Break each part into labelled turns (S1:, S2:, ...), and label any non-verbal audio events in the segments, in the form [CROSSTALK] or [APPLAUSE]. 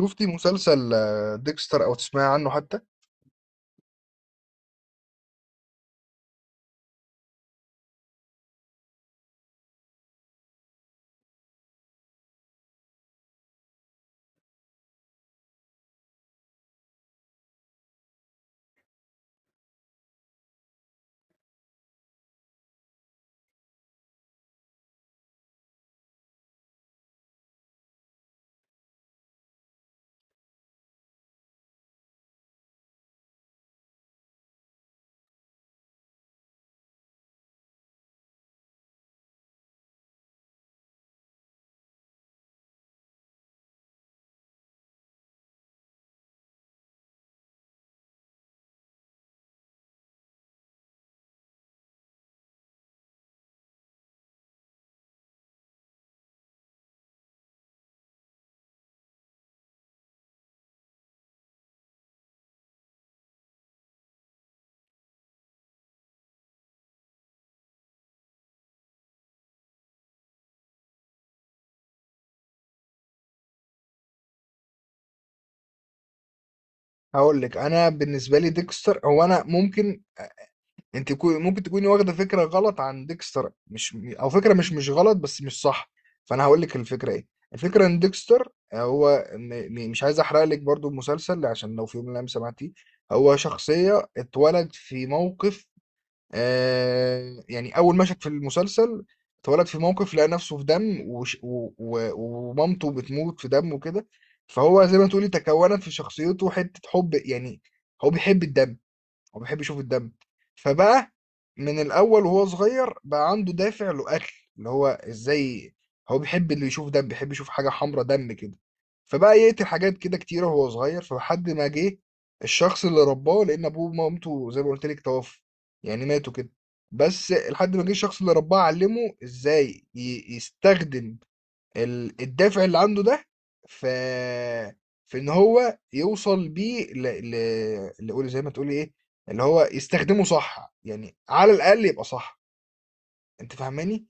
S1: شفتي مسلسل ديكستر او تسمعي عنه حتى؟ هقول لك، انا بالنسبه لي ديكستر هو انا ممكن ممكن تكوني واخده فكره غلط عن ديكستر، مش او فكره مش غلط بس مش صح. فانا هقول لك الفكره ايه. الفكره ان ديكستر مش عايز احرق لك برضو المسلسل عشان لو في يوم من الايام سمعتيه. هو شخصيه اتولد في موقف، آه يعني اول مشهد في المسلسل اتولد في موقف، لقى نفسه في دم وش و و ومامته بتموت في دم وكده. فهو زي ما تقولي تكونت في شخصيته حتة حب، يعني هو بيحب الدم وبيحب يشوف الدم. فبقى من الاول وهو صغير بقى عنده دافع له قتل. اللي هو ازاي؟ هو بيحب اللي يشوف دم، بيحب يشوف حاجه حمرا دم كده. فبقى يقتل حاجات كده كتيره وهو صغير، فلحد ما جه الشخص اللي رباه، لان ابوه ومامته زي ما قلت لك توفوا، يعني ماتوا كده. بس لحد ما جه الشخص اللي رباه، علمه ازاي يستخدم الدافع اللي عنده ده في ان هو يوصل بيه لقول، زي ما تقولي ايه، اللي هو يستخدمه صح، يعني على الاقل يبقى صح. انت فاهماني؟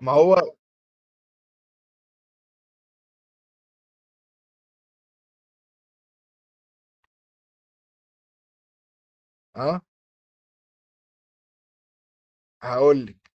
S1: ما هو اه. هقول لك.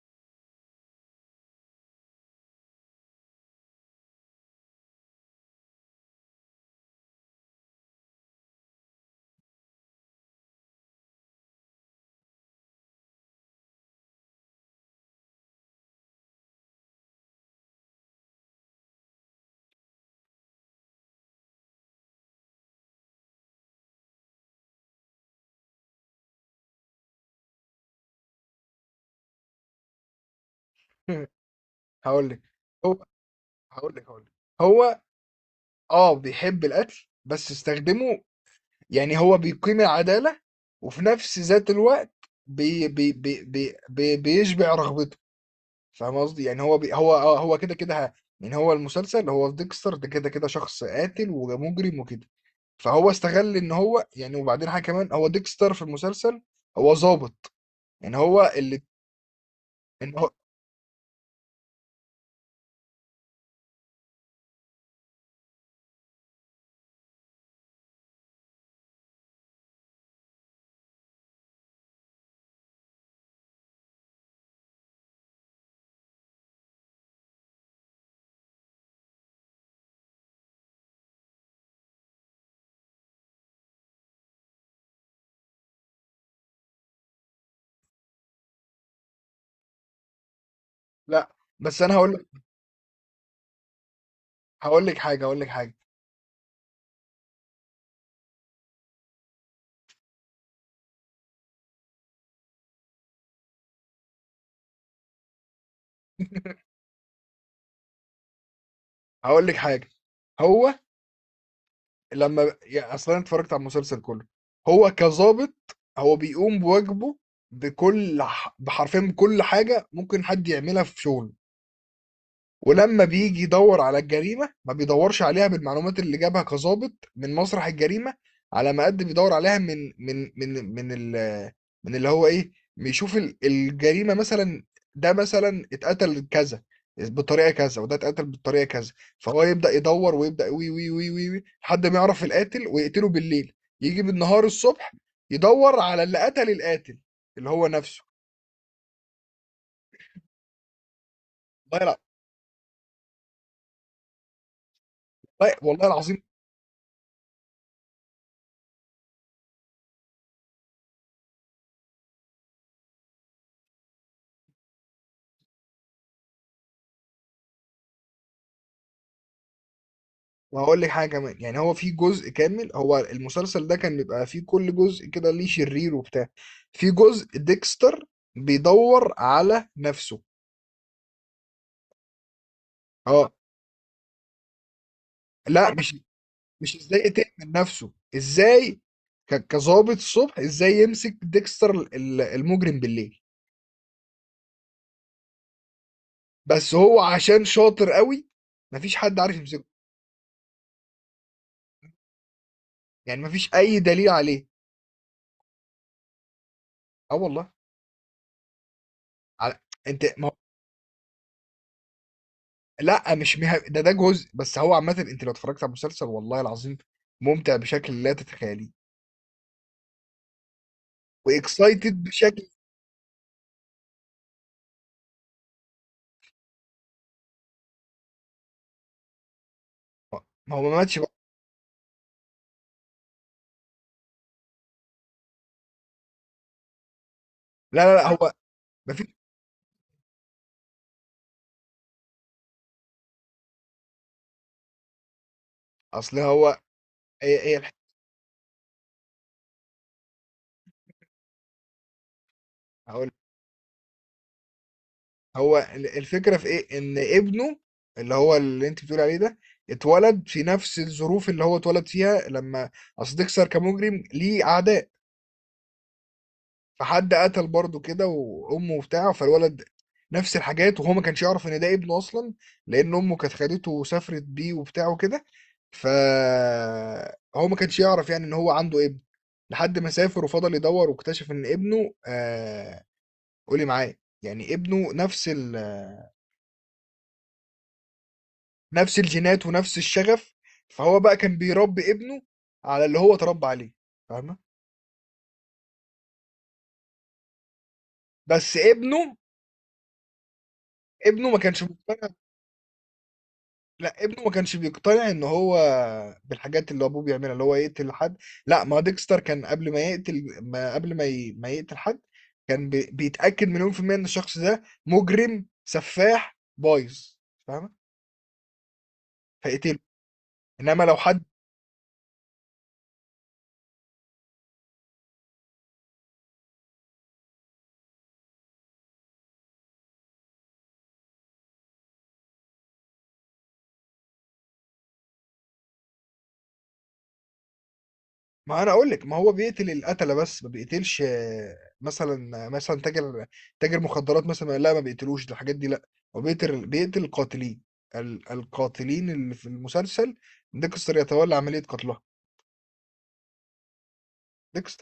S1: [LAUGHS] هقول لك. هو. هقول لك. هو اه، بيحب القتل بس استخدمه. يعني هو بيقيم العدالة وفي نفس ذات الوقت بيشبع رغبته. فاهم قصدي؟ يعني هو بي هو آه، هو كده كده يعني هو المسلسل، هو في ديكستر ده كده كده شخص قاتل ومجرم وكده. فهو استغل ان هو يعني، وبعدين حاجه كمان، هو ديكستر في المسلسل هو ظابط. يعني هو اللي ان هو. لا، بس انا هقول. هقول لك حاجه. هقول لك حاجه. هو لما، يعني اصلا أنا اتفرجت على المسلسل كله، هو كظابط هو بيقوم بواجبه بحرفيا، بكل حاجه ممكن حد يعملها في شغله. ولما بيجي يدور على الجريمة ما بيدورش عليها بالمعلومات اللي جابها كظابط من مسرح الجريمة على ما قد بيدور عليها من ال، من اللي هو ايه، بيشوف الجريمة مثلا، ده مثلا اتقتل كذا بالطريقة كذا، وده اتقتل بالطريقة كذا. فهو يبدأ يدور ويبدأ وي وي وي وي وي لحد ما يعرف القاتل ويقتله بالليل. يجي بالنهار الصبح يدور على اللي قتل القاتل، اللي هو نفسه. والله. والله العظيم. وهقول لك حاجه كمان، يعني هو في جزء كامل، هو المسلسل ده كان بيبقى فيه كل جزء كده ليه شرير وبتاع، في جزء ديكستر بيدور على نفسه. اه. لا، مش ازاي يقتل من نفسه، ازاي كظابط الصبح ازاي يمسك ديكستر المجرم بالليل. بس هو عشان شاطر قوي مفيش حد عارف يمسكه، يعني مفيش اي دليل عليه. اه والله. على. انت. لا، مش مه... ده جزء بس. هو عامة انت لو اتفرجت على المسلسل والله العظيم ممتع بشكل لا تتخيليه، واكسايتد بشكل. ما هو ما ماتش بقى. لا لا لا، هو ما في اصل هو. ايه ايه الح- هقول. هو الفكرة في ايه، ان ابنه اللي هو اللي انت بتقول عليه ده اتولد في نفس الظروف اللي هو اتولد فيها لما، اصل ديكستر كمجرم ليه اعداء، فحد قتل برضه كده وامه وبتاع، فالولد نفس الحاجات. وهو ما كانش يعرف ان ده ابنه اصلا، لان امه كانت خدته وسافرت بيه وبتاع وكده، فهو ما كانش يعرف يعني ان هو عنده ابن. لحد ما سافر وفضل يدور واكتشف ان ابنه آه، قولي معايا، يعني ابنه نفس ال... نفس الجينات ونفس الشغف. فهو بقى كان بيربي ابنه على اللي هو اتربى عليه. فاهمه؟ بس ابنه، ما كانش مقتنع. لأ، ابنه ما كانش بيقتنع إن هو بالحاجات اللي أبوه بيعملها، اللي هو يقتل حد. لأ، ما هو ديكستر كان قبل ما يقتل، ما قبل ما ي ما يقتل حد، كان بيتأكد مليون في المِيّة إن الشخص ده مجرم، سفاح، بايظ، فاهمة؟ فيقتله. إنما لو حد، ما أنا أقول لِك، ما هو بيقتل القتلة بس، ما بيقتلش مثلًا، تاجر، تاجر مخدرات مثلًا، لأ، ما بيقتلوش ده، الحاجات دي لأ. هو بيقتل، القاتلين، ال القاتلين اللي في المسلسل ديكستر يتولى عملية قتلها. ديكس.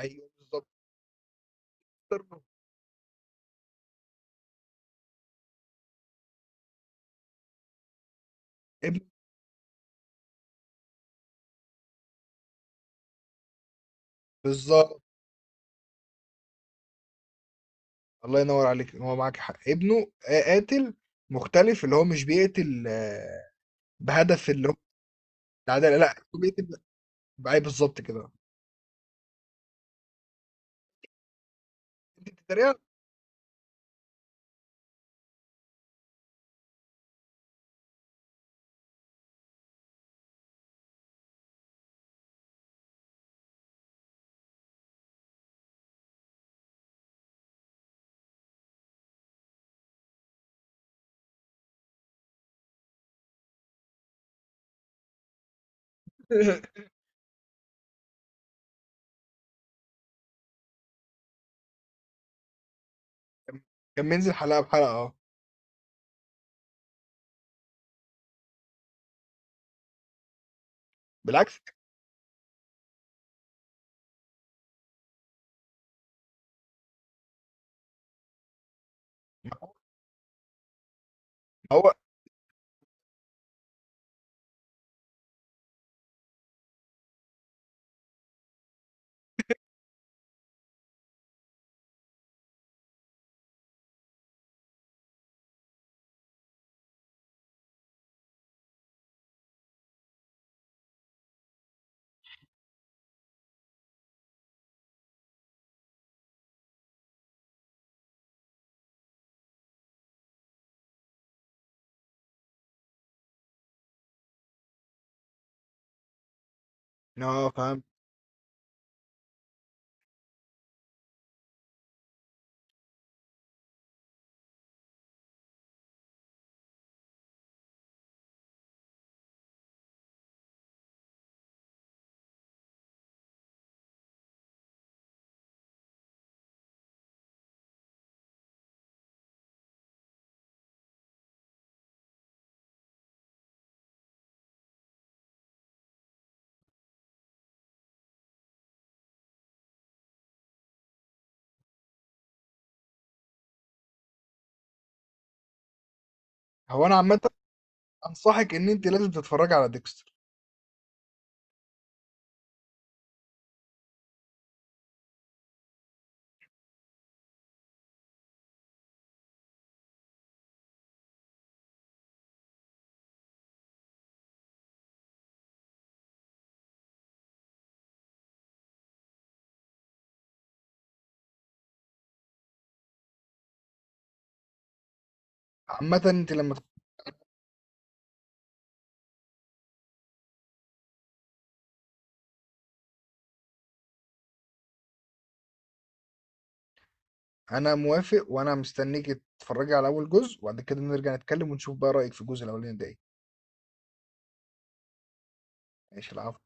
S1: أيوه بالضبط. ابنه بالضبط. الله ينور عليك، هو معاك حق، ابنه قاتل مختلف، اللي هو مش بيقتل بهدف اللي هو العدالة. لا، هو بيقتل بقى بالظبط كده. انت بتتريق. [LAUGHS] كان بينزل حلقة بحلقة، اه. بالعكس. هو اه، فاهم. هو انا عامة انصحك ان انت لازم تتفرجي على ديكستر. عامة انت لما انا موافق، وانا مستنيك تتفرجي على اول جزء، وبعد كده نرجع نتكلم ونشوف بقى رأيك في الجزء الاولاني ده ايه. ماشي، العفو.